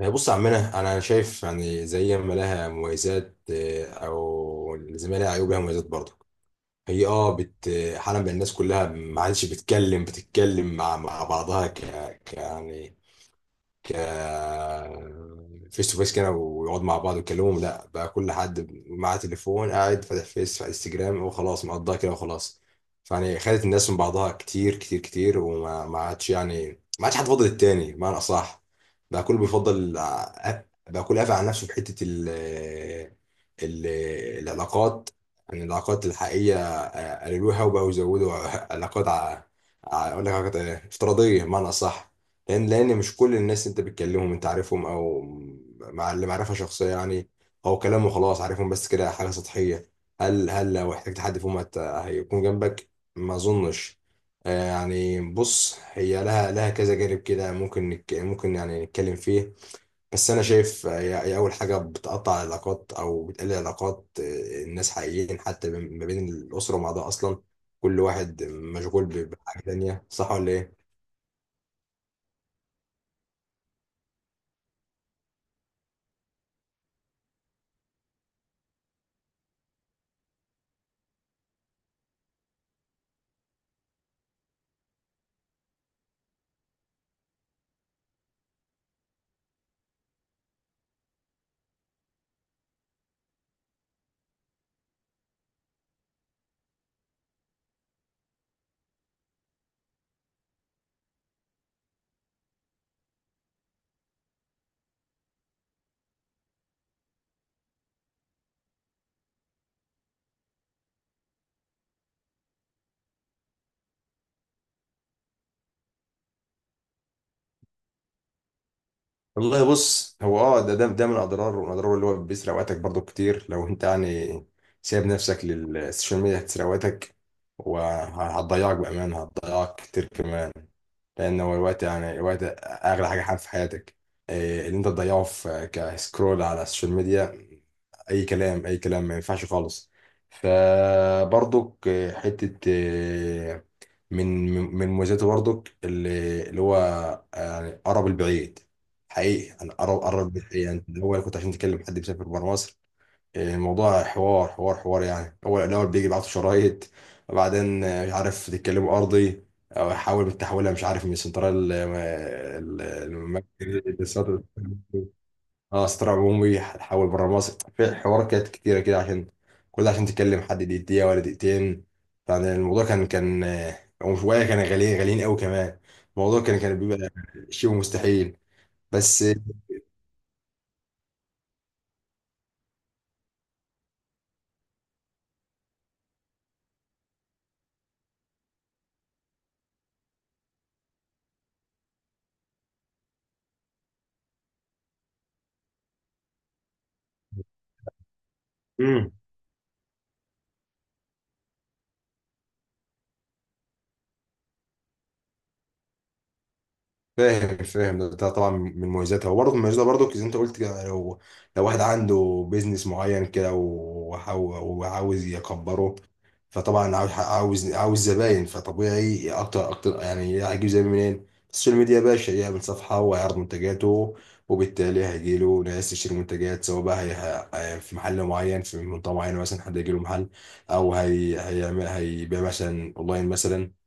آه، بص يا عمنا انا شايف يعني زي ما لها مميزات او زي ما لها عيوب لها مميزات برضه هي اه بت حالا بقى الناس كلها ما عادش بتتكلم مع بعضها يعني فيس تو فيس كده ويقعدوا مع بعض ويتكلموا، لا بقى كل حد معاه تليفون قاعد فاتح فيس على انستجرام وخلاص مقضاها كده وخلاص. فيعني خدت الناس من بعضها كتير كتير كتير وما ما عادش يعني ما عادش حد فاضل التاني بمعنى اصح. بقى كله بقى كله قافل على نفسه في حتة ال- العلاقات، يعني العلاقات الحقيقية قللوها وبقوا يزودوا علاقات ع- اقول لك علاقات إيه؟ افتراضيه بمعنى اصح. لان مش كل الناس انت بتكلمهم انت عارفهم، او مع اللي معرفه شخصيه يعني، او كلامه خلاص عارفهم بس كده حاجه سطحيه. هل لو احتجت حد فيهم هيكون جنبك؟ ما اظنش. آه، يعني بص هي لها كذا جانب كده ممكن ممكن يعني نتكلم فيه. بس انا شايف هي اول حاجه بتقطع العلاقات او بتقلل علاقات الناس حقيقيين، حتى ما بين الاسره مع ده اصلا كل واحد مشغول بحاجه تانية، صح ولا ايه؟ والله بص هو اه ده من اضرار ومن اضرار اللي هو بيسرق وقتك برضو كتير، لو انت يعني سايب نفسك للسوشيال ميديا هتسرق وقتك وهتضيعك بامانه هتضيعك كتير كمان، لان هو الوقت يعني الوقت اغلى حاجه في حياتك. إيه، اللي انت تضيعه في كسكرول على السوشيال ميديا اي كلام اي كلام ما ينفعش خالص. فبرضك إيه، حته إيه، من من مميزاته برضك اللي هو يعني قرب البعيد، حقيقي انا قرب البعيد يعني. الاول كنت عشان تكلم حد بيسافر بره مصر الموضوع حوار يعني، هو الأول بيجي يبعتوا شرايط، وبعدين مش عارف تتكلموا أرضي، أو يحاول بتحولها مش عارف من سنترال المركزي للسنترال، اه سنترال عمومي حول بره مصر، في حوارات كانت كتيرة كده عشان كل ده عشان تتكلم حد دقيقة ولا دقيقتين. يعني الموضوع كان وشوية كان غاليين قوي كمان، الموضوع كان بيبقى شيء مستحيل. بس مم. فاهم فاهم ده طبعا من مميزاتها، وبرضه من مميزاتها برضه زي ما انت قلت كده، لو لو واحد عنده بيزنس معين كده وعاوز يكبره فطبعا عاوز زباين، فطبيعي اكتر يعني هيجيب زباين منين؟ السوشيال ميديا يا باشا، يعمل صفحة ويعرض منتجاته وبالتالي هيجيله ناس تشتري منتجات، سواء بقى في محل معين في منطقة معينة مثلا، حد هيجيله محل، أو هيعمل هيبيع مثلا أونلاين مثلا،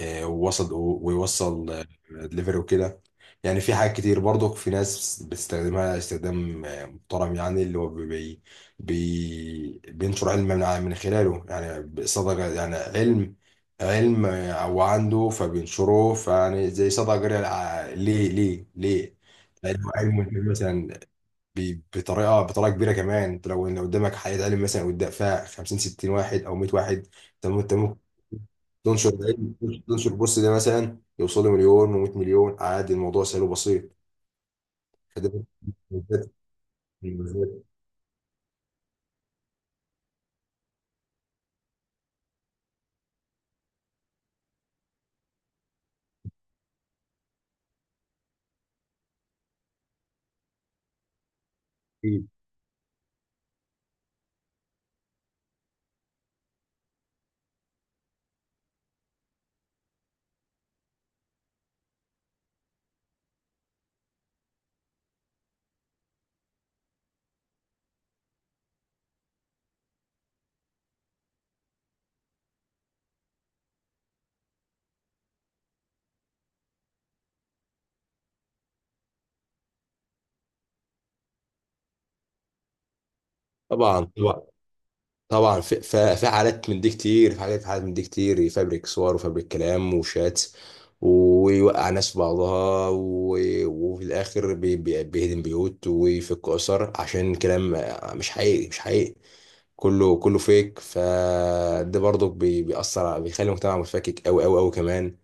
ووصل ويوصل دليفري وكده. يعني في حاجات كتير برضو، في ناس بتستخدمها استخدام محترم يعني، اللي هو بينشر علم من من خلاله يعني صدقة يعني علم، علم هو عنده فبينشره، فيعني زي صدقة جارية ليه ليه ليه؟ لأنه علم مثلا بطريقة كبيرة كمان، انت لو ان قدامك حياة علم مثلا قدام فيها 50 60 واحد او 100 واحد، انت ممكن تنشر العلم، تنشر البوست ده مثلا يوصل له مليون و100 مليون، عادي الموضوع سهل وبسيط. فده بالذات- بالذات. أكيد. طبعا طبعا طبعا في في حالات من دي كتير، في حالات من دي كتير يفبرك صور وفبرك كلام وشات ويوقع ناس في بعضها، وفي الاخر بيهدم بيوت ويفك اسر عشان كلام مش حقيقي مش حقيقي. كله كله فيك، فده برضك بيأثر على، بيخلي المجتمع متفكك أوي أوي أوي كمان.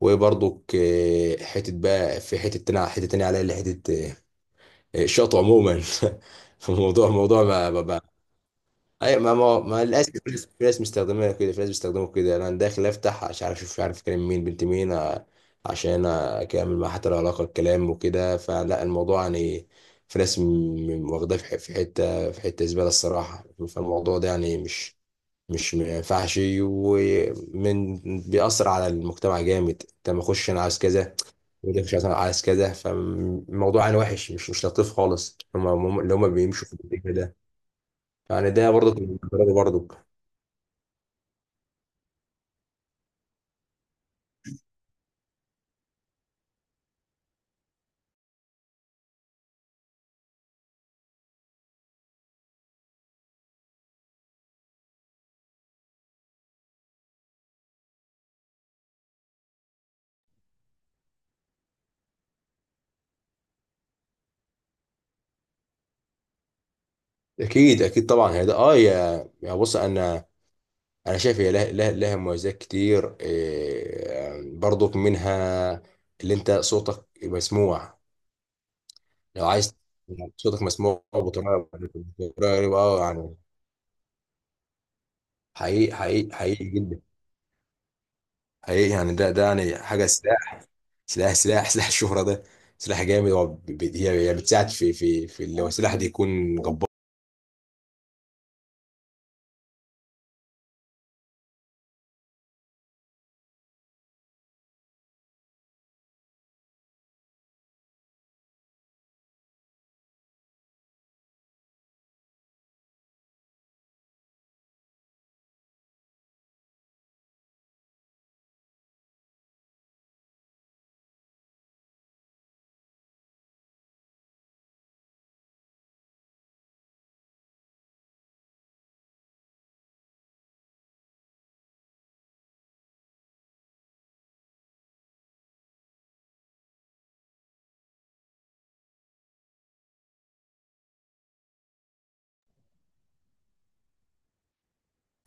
وبرضك حتة بقى، في حتة تانية حتة تانية عليها اللي حتة الشطو عموما في الموضوع الموضوع ما ما ما أي ما ما, ما للأسف في ناس، في ناس مستخدمينها كده، في ناس بيستخدموا كده أنا داخل أفتح عشان عارف أشوف مش عارف أكلم مين بنت مين عشان أكمل معاها حتى لو علاقة الكلام وكده، فلا الموضوع يعني في ناس واخداه في في حتة في حتة زبالة الصراحة، فالموضوع ده يعني مش مش ما ينفعش، ومن بيأثر على المجتمع جامد. انت ما اخش انا عايز كذا، وده مش عايز- انا عايز كذا، فالموضوع انا وحش مش مش لطيف خالص، هم اللي هم بيمشوا في الاتجاه ده. يعني ده برضك من تجربه برضك. اكيد اكيد طبعا هي ده اه يا بص انا، انا شايف هي لها مميزات كتير، إيه برضك منها اللي انت صوتك مسموع لو عايز، صوتك مسموع بطريقه غريبة، اه يعني حقيقي حقيقي حقيقي جدا حقيقي يعني، ده ده يعني حاجه سلاح سلاح الشهره ده سلاح جامد، هو هي بتساعد في في اللي هو السلاح ده يكون جبار.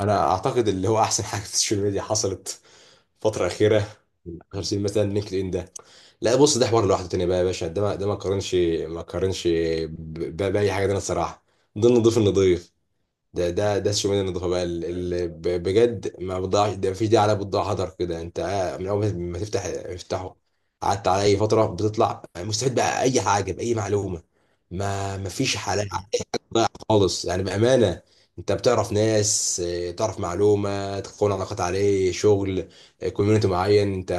انا اعتقد اللي هو احسن حاجه في السوشيال ميديا حصلت فتره اخيره من 10 سنين مثلا لينكد ان ده. لا بص ده حوار لوحده تاني بقى يا باشا، ده ما ده ما قارنش باي حاجه تانيه الصراحه. ضمن نضيف النضيف، ده الشمال النضافه بقى، اللي بجد ما بتضيعش، ده مفيش داعي عليها بتضيع هدر كده، انت من اول ما تفتح افتحه قعدت على اي فتره بتطلع مستفيد بقى اي حاجه باي معلومه. ما مفيش حالات خالص يعني بأمانة، انت بتعرف ناس اه، تعرف معلومة، تكون علاقات عليه شغل، كوميونتي معين انت،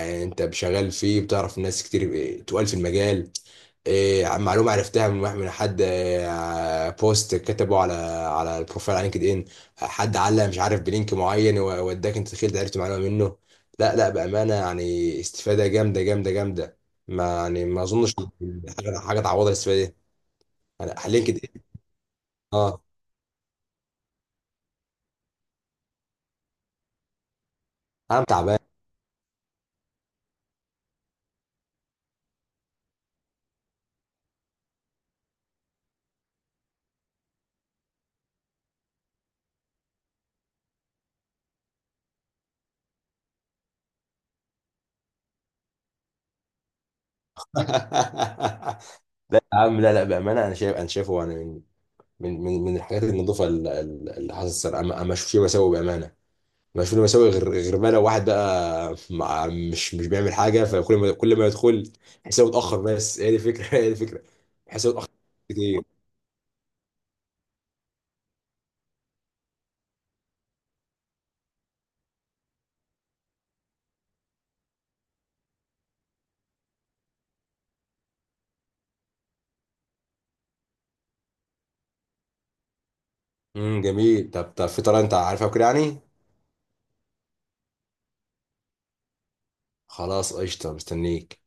انت شغال فيه بتعرف ناس كتير اه، تقال في المجال، اه، معلومة عرفتها من واحد من حد اه، بوست كتبه على على البروفايل على لينكد ان، حد علق مش عارف بلينك معين ووداك انت دخلت عرفت معلومة منه. لا لا بأمانة يعني استفادة جامدة جامدة جامدة، ما يعني ما اظنش حاجة تعوض الاستفادة دي. يعني لينكد ان اه انا تعبان. يا عم لا لا بامانه انا شايف انا شايفه يعني من الحاجات النظيفه اللي حصلت انا، ما ما اشوفش فيه مساوئ بامانه، ما اشوفش فيه مساوئ غير بقى لو واحد بقى مش مش بيعمل حاجه فكل ما كل ما يدخل حسابه اتاخر، بس هي دي الفكره هي دي الفكره حسابه اتاخر كتير. جميل، طب في طريقه انت عارفها وكده يعني؟ خلاص قشطه مستنيك.